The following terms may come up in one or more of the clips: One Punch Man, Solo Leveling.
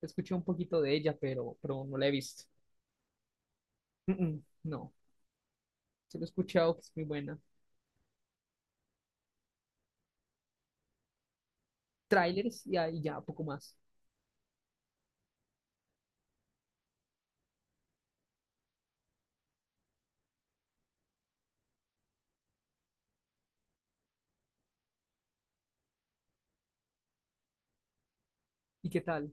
Escuché un poquito de ella, pero no la he visto. Mm, mm, no, se lo he escuchado, que es muy buena. Trailers y ahí ya, poco más. ¿Y qué tal?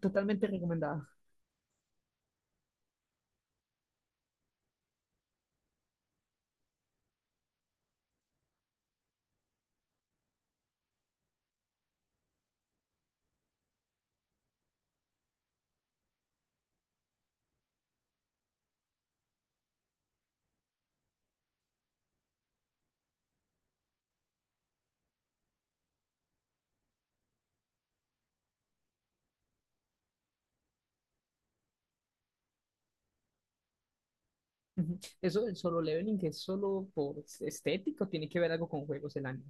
Totalmente recomendada. Ujú. Eso del Solo Leveling, que es solo por estético, tiene que ver algo con juegos el año.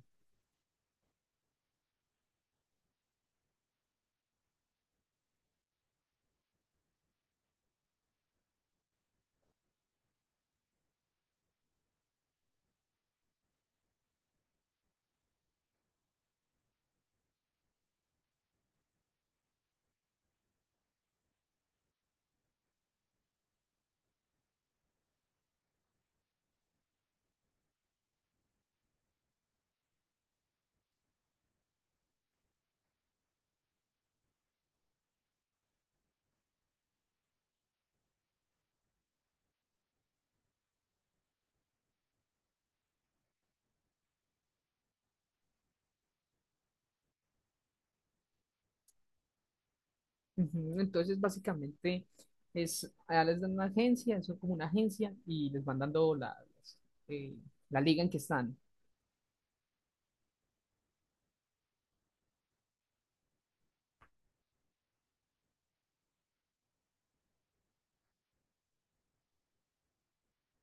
Ujú. Entonces, básicamente, es, allá les dan una agencia, eso es como una agencia, y les van dando las, eh, la liga en que están.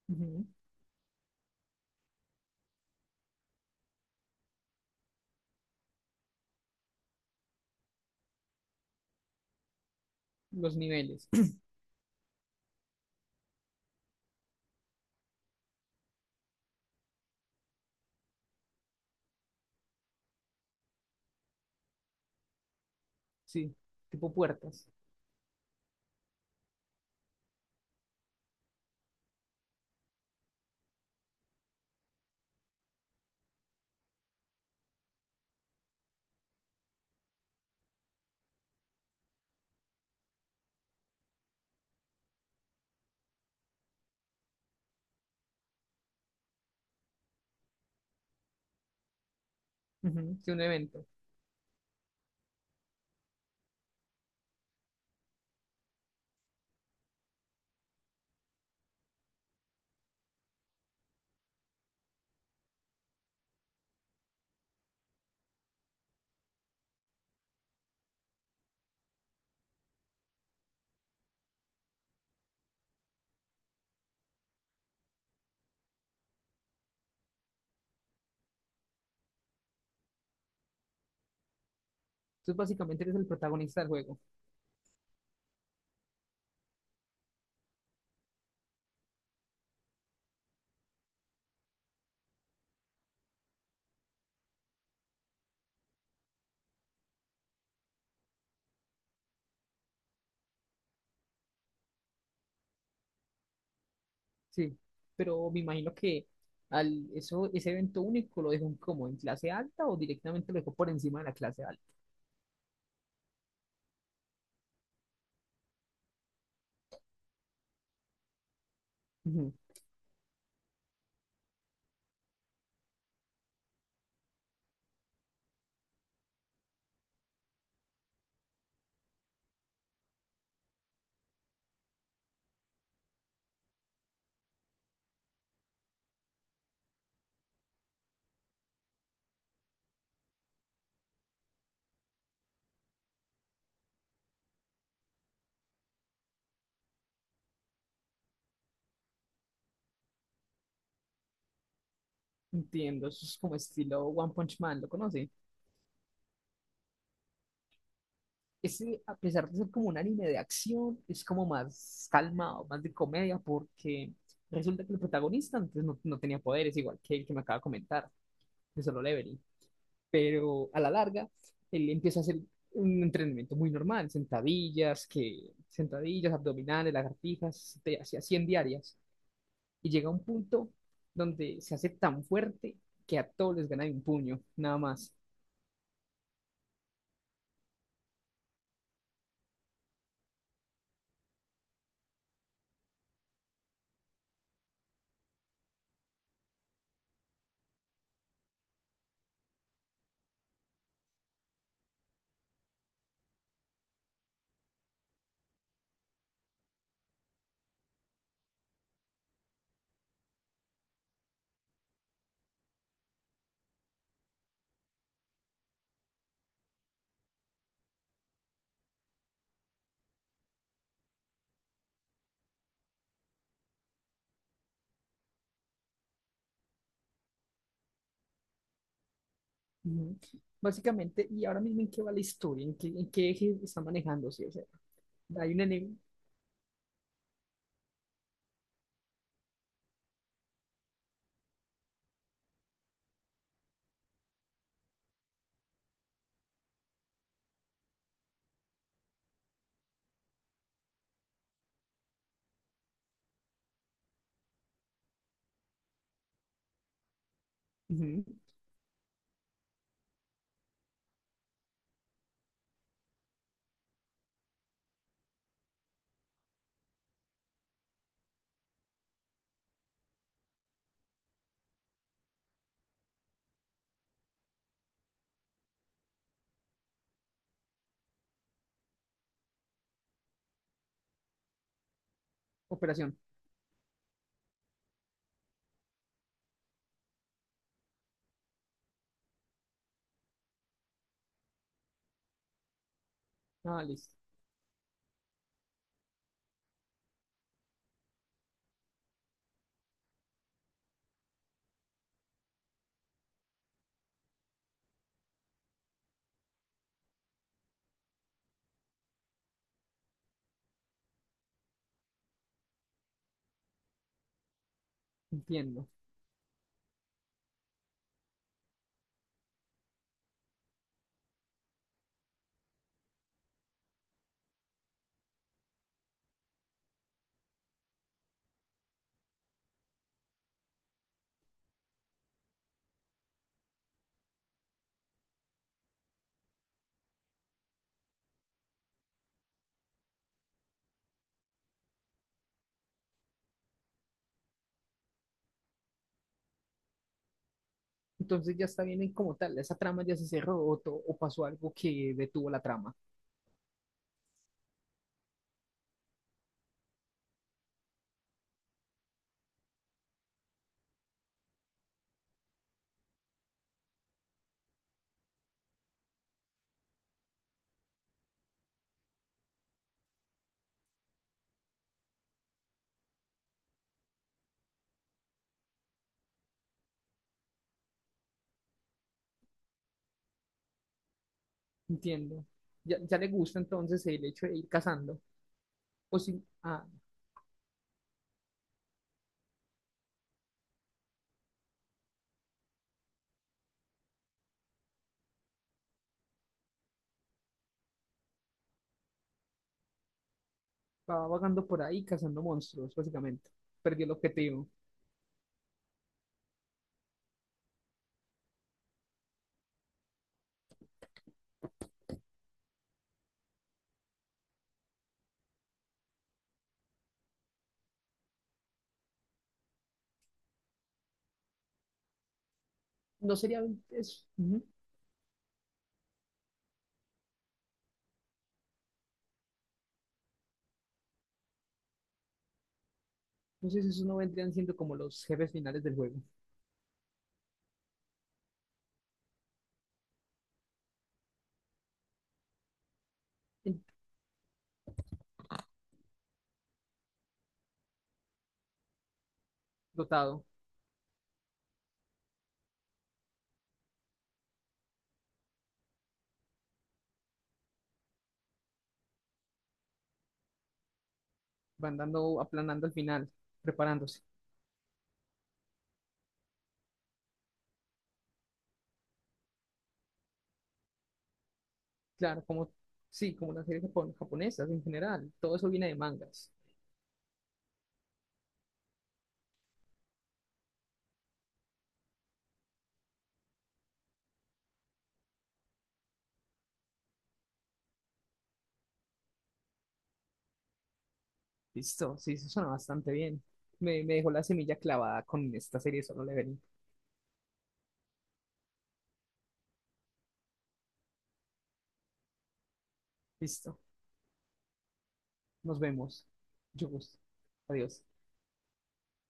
Ujú. Los niveles, sí, tipo puertas. Ujú. Sí, un evento. Entonces, básicamente, eres el protagonista del juego. Sí, pero me imagino que al eso, ese evento único lo dejó como en clase alta o directamente lo dejó por encima de la clase alta. Ujú. Entiendo, eso es como estilo One Punch Man, ¿lo conoce? Ese, a pesar de ser como un anime de acción, es como más calmado, más de comedia, porque resulta que el protagonista antes no tenía poderes, igual que el que me acaba de comentar, de Solo Leveling. Pero a la larga él empieza a hacer un entrenamiento muy normal, sentadillas, que, sentadillas, abdominales, lagartijas, te hacía 100 diarias, y llega a un punto donde se hace tan fuerte que a todos les gana de un puño, nada más. Ujú. Básicamente, y ahora mismo en qué va la historia, en qué eje está manejándose, o sea, hay una ne- ujú, operación, ah, listo, entiendo. Entonces ya está bien en como tal, esa trama ya se cerró o, to- o pasó algo que detuvo la trama. Entiendo. Ya le gusta entonces el hecho de ir cazando. O si ah, va vagando por ahí cazando monstruos, básicamente. Perdió el objetivo. No sería eso. Ujú. No sé si eso no vendrían siendo como los jefes finales del juego. En- dotado. Van dando, aplanando al final, preparándose. Claro, como, sí, como las series japon- japonesas en general. Todo eso viene de mangas. Listo. Sí, eso suena bastante bien. Me dejó la semilla clavada con esta serie de Solo Leveling. Listo. Nos vemos. Yo gusto. Adiós.